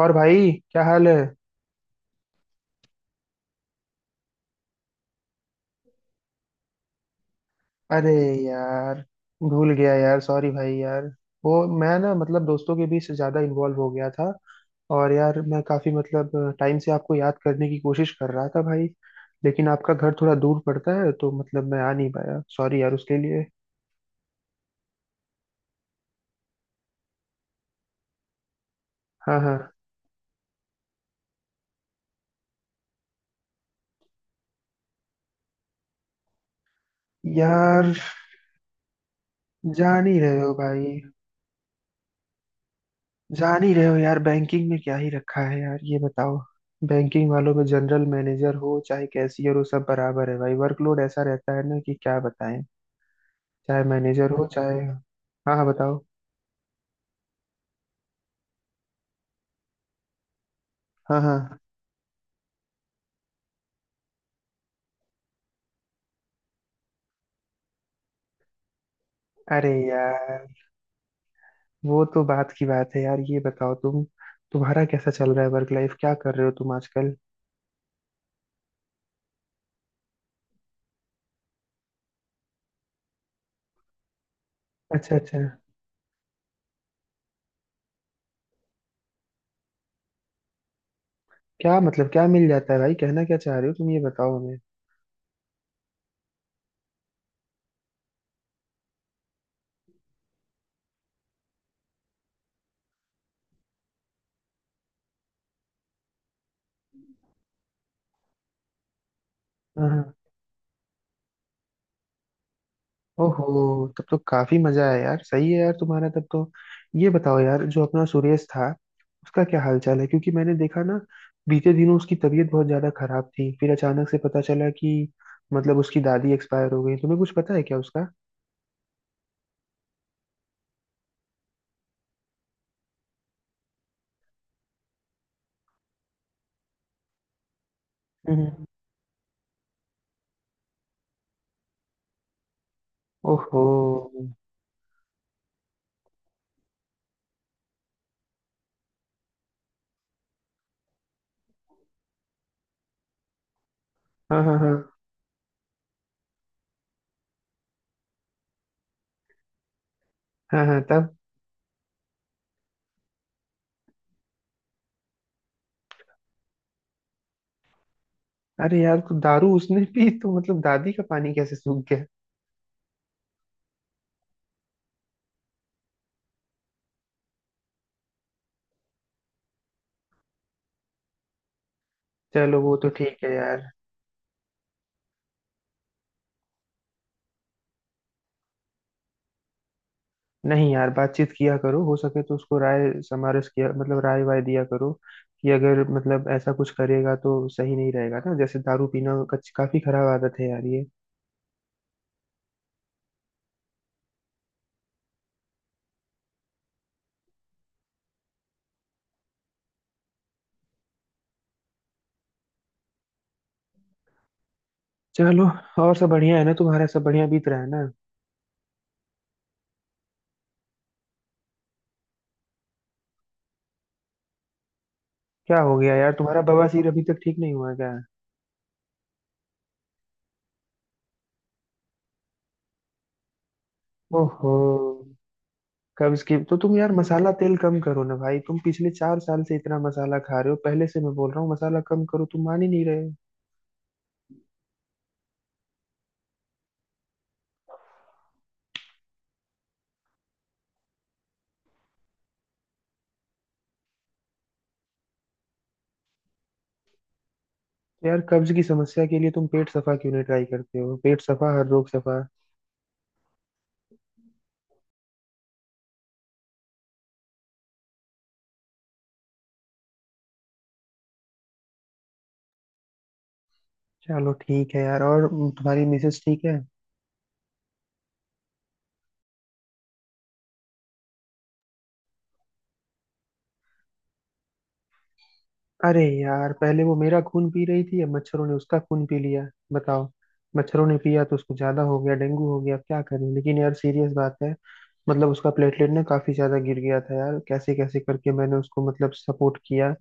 और भाई, क्या हाल है? अरे यार, भूल गया यार। सॉरी भाई यार। वो, मैं ना मतलब दोस्तों के बीच ज्यादा इन्वॉल्व हो गया था। और यार, मैं काफी मतलब टाइम से आपको याद करने की कोशिश कर रहा था भाई। लेकिन आपका घर थोड़ा दूर पड़ता है, तो मतलब मैं आ नहीं पाया। सॉरी यार उसके लिए। हाँ हाँ, यार जान ही रहे हो भाई। जान ही रहे हो यार, बैंकिंग में क्या ही रखा है यार, ये बताओ। बैंकिंग वालों में जनरल मैनेजर हो चाहे कैशियर हो, सब बराबर है भाई। वर्कलोड ऐसा रहता है ना कि क्या बताएं। चाहे मैनेजर हो चाहे। हाँ हाँ, बताओ। हाँ हाँ। अरे यार, वो तो बात की बात है यार। ये बताओ तुम, तुम्हारा कैसा चल रहा है? वर्क लाइफ क्या कर रहे हो तुम आजकल? अच्छा अच्छा। क्या मतलब, क्या मिल जाता है भाई? कहना क्या चाह रहे हो तुम, ये बताओ हमें। हाँ हाँ। ओहो, तब तो काफी मजा आया यार। सही है यार तुम्हारा, तब तो ये बताओ यार, जो अपना सुरेश था उसका क्या हालचाल है? क्योंकि मैंने देखा ना, बीते दिनों उसकी तबीयत बहुत ज्यादा खराब थी। फिर अचानक से पता चला कि मतलब उसकी दादी एक्सपायर हो गई। तुम्हें कुछ पता है क्या उसका? हम्म। ओहो। हाँ हाँ हाँ। हाँ हाँ तब। अरे यार, तो दारू उसने पी तो मतलब दादी का पानी कैसे सूख गया? चलो, वो तो ठीक है यार। नहीं यार, बातचीत किया करो, हो सके तो उसको राय समारस किया मतलब राय वाय दिया करो कि अगर मतलब ऐसा कुछ करेगा तो सही नहीं रहेगा ना। जैसे दारू पीना काफी खराब आदत है यार ये। चलो, और सब बढ़िया है ना? तुम्हारा सब बढ़िया बीत रहा है ना? क्या हो गया यार, तुम्हारा बवासीर अभी तक ठीक नहीं हुआ क्या? ओहो। कब्ज की तो तुम यार मसाला तेल कम करो ना भाई। तुम पिछले 4 साल से इतना मसाला खा रहे हो, पहले से मैं बोल रहा हूँ मसाला कम करो, तुम मान ही नहीं रहे हो। तो यार, कब्ज की समस्या के लिए तुम पेट सफा क्यों नहीं ट्राई करते हो? पेट सफा, हर रोग सफा। चलो ठीक है यार। और तुम्हारी मिसेस ठीक है? अरे यार, पहले वो मेरा खून पी रही थी, अब मच्छरों ने उसका खून पी लिया। बताओ। मच्छरों ने पिया तो उसको ज्यादा हो गया, डेंगू हो गया। अब क्या करें, लेकिन यार सीरियस बात है। मतलब उसका प्लेटलेट ना काफी ज्यादा गिर गया था यार, कैसे कैसे करके मैंने उसको मतलब सपोर्ट किया।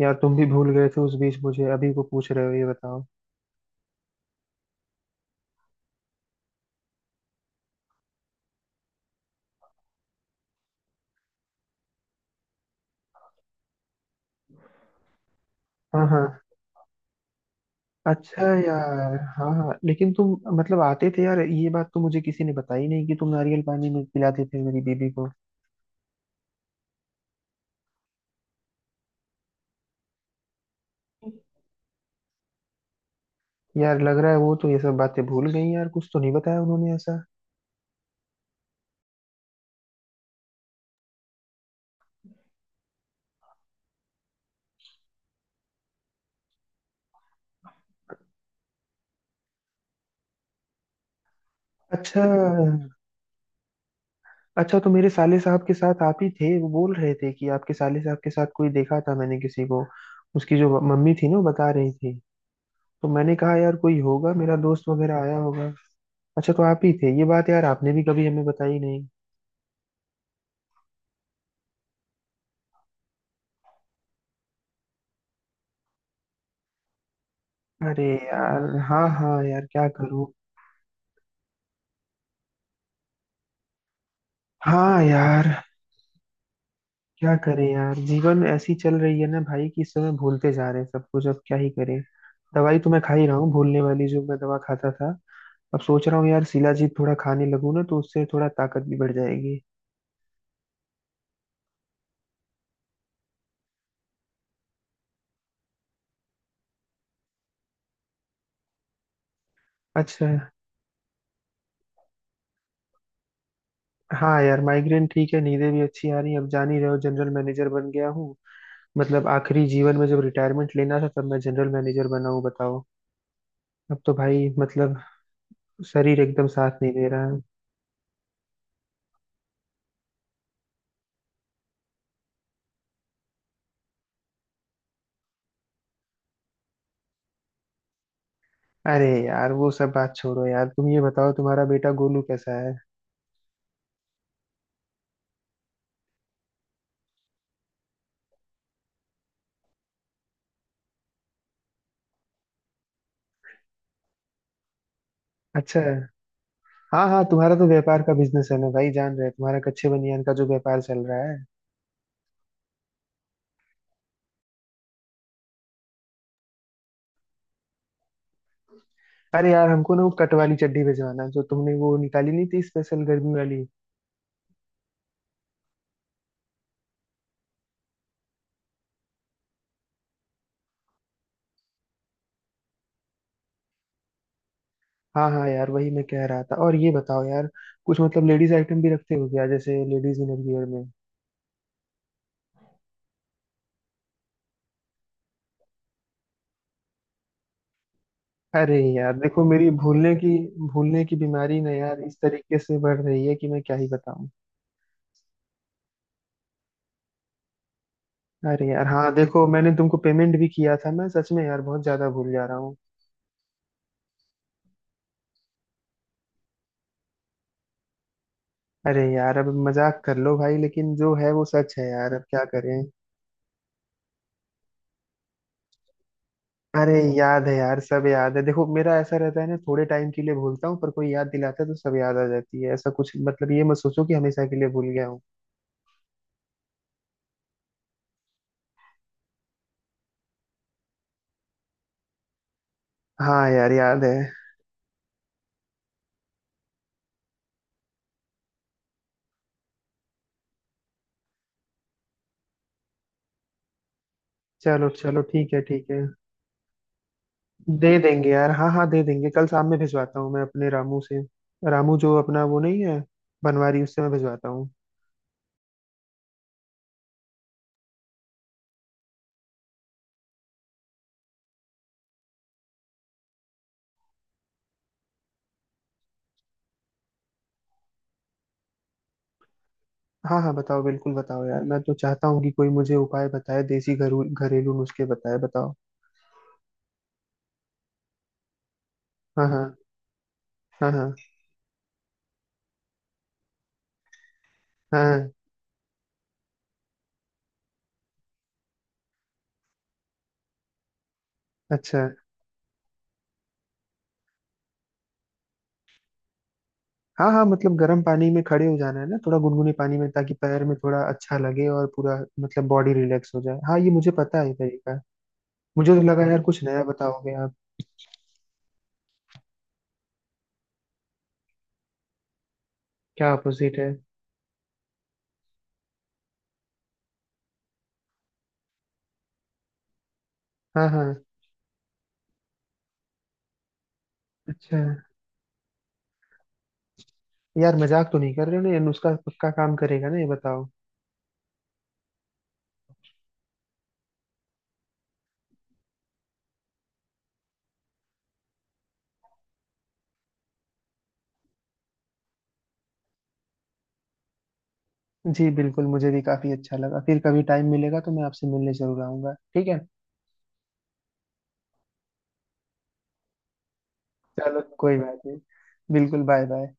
यार, तुम भी भूल गए थे उस बीच, मुझे अभी को पूछ रहे हो, ये बताओ। हाँ हाँ। अच्छा यार, हाँ हाँ, लेकिन तुम मतलब आते थे यार, ये बात तो मुझे किसी ने बताई नहीं कि तुम नारियल पानी में पिलाते थे मेरी बीबी को। यार लग रहा है वो तो ये सब बातें भूल गई यार, कुछ तो नहीं बताया उन्होंने ऐसा। अच्छा, अच्छा तो मेरे साले साहब के साथ आप ही थे। वो बोल रहे थे कि आपके साले साहब के साथ कोई देखा था, मैंने किसी को। उसकी जो मम्मी थी ना, वो बता रही थी। तो मैंने कहा यार कोई होगा मेरा दोस्त वगैरह आया होगा। अच्छा, तो आप ही थे ये बात। यार आपने भी कभी हमें बताई नहीं। अरे यार, हाँ हाँ यार, क्या करूँ। हाँ यार, क्या करें यार, जीवन ऐसी चल रही है ना भाई कि इस समय भूलते जा रहे हैं सब कुछ, अब क्या ही करें। दवाई तो मैं खा ही रहा हूँ, भूलने वाली जो मैं दवा खाता था। अब सोच रहा हूँ यार शिलाजीत थोड़ा खाने लगूँ ना, तो उससे थोड़ा ताकत भी बढ़ जाएगी। अच्छा। हाँ यार, माइग्रेन ठीक है, नींदें भी अच्छी आ रही हैं। अब जान ही रहे हो, जनरल मैनेजर बन गया हूँ। मतलब आखिरी जीवन में जब रिटायरमेंट लेना था, तब मैं जनरल मैनेजर बना हूँ, बताओ। अब तो भाई मतलब शरीर एकदम साथ नहीं दे रहा है। अरे यार, वो सब बात छोड़ो यार। तुम ये बताओ, तुम्हारा बेटा गोलू कैसा है? अच्छा है। हाँ हाँ, तुम्हारा तो व्यापार का बिजनेस है ना भाई, जान रहे हैं तुम्हारा कच्चे बनियान का जो व्यापार चल रहा है। अरे यार, हमको ना वो कट वाली चड्डी भिजवाना है, जो तुमने वो निकाली नहीं थी, स्पेशल गर्मी वाली। हाँ हाँ यार, वही मैं कह रहा था। और ये बताओ यार, कुछ मतलब लेडीज आइटम भी रखते हो क्या? जैसे लेडीज इनरवियर में। अरे यार देखो मेरी भूलने की बीमारी ना यार, इस तरीके से बढ़ रही है कि मैं क्या ही बताऊं। अरे यार, हाँ देखो, मैंने तुमको पेमेंट भी किया था। मैं सच में यार बहुत ज्यादा भूल जा रहा हूँ। अरे यार, अब मजाक कर लो भाई, लेकिन जो है वो सच है यार, अब क्या करें। अरे याद है यार, सब याद है। देखो मेरा ऐसा रहता है ना, थोड़े टाइम के लिए भूलता हूँ, पर कोई याद दिलाता है तो सब याद आ जाती है ऐसा कुछ। मतलब ये मत सोचो कि हमेशा के लिए भूल गया हूँ। हाँ यार, याद है। चलो चलो, ठीक है ठीक है। दे देंगे यार, हाँ हाँ दे देंगे, कल शाम में भिजवाता हूँ मैं अपने रामू से। रामू जो अपना वो नहीं है, बनवारी, उससे मैं भिजवाता हूँ। हाँ हाँ बताओ, बिल्कुल बताओ यार। मैं तो चाहता हूँ कि कोई मुझे उपाय बताए, देसी घरू घरेलू नुस्खे बताए, बताओ। हाँ हाँ। हाँ हाँ हाँ। अच्छा। हाँ हाँ, मतलब गर्म पानी में खड़े हो जाना है ना, थोड़ा गुनगुने पानी में ताकि पैर में थोड़ा अच्छा लगे और पूरा मतलब बॉडी रिलैक्स हो जाए। हाँ, ये मुझे पता है ये तरीका। मुझे तो लगा यार कुछ नया बताओगे आप। क्या अपोजिट है? हाँ हाँ। अच्छा। यार मजाक तो नहीं कर रहे हो ना, ये नुस्खा पक्का काम करेगा ना, ये बताओ। जी बिल्कुल, मुझे भी काफी अच्छा लगा। फिर कभी टाइम मिलेगा तो मैं आपसे मिलने जरूर आऊंगा, ठीक है। चलो कोई बात नहीं। बिल्कुल, बाय बाय।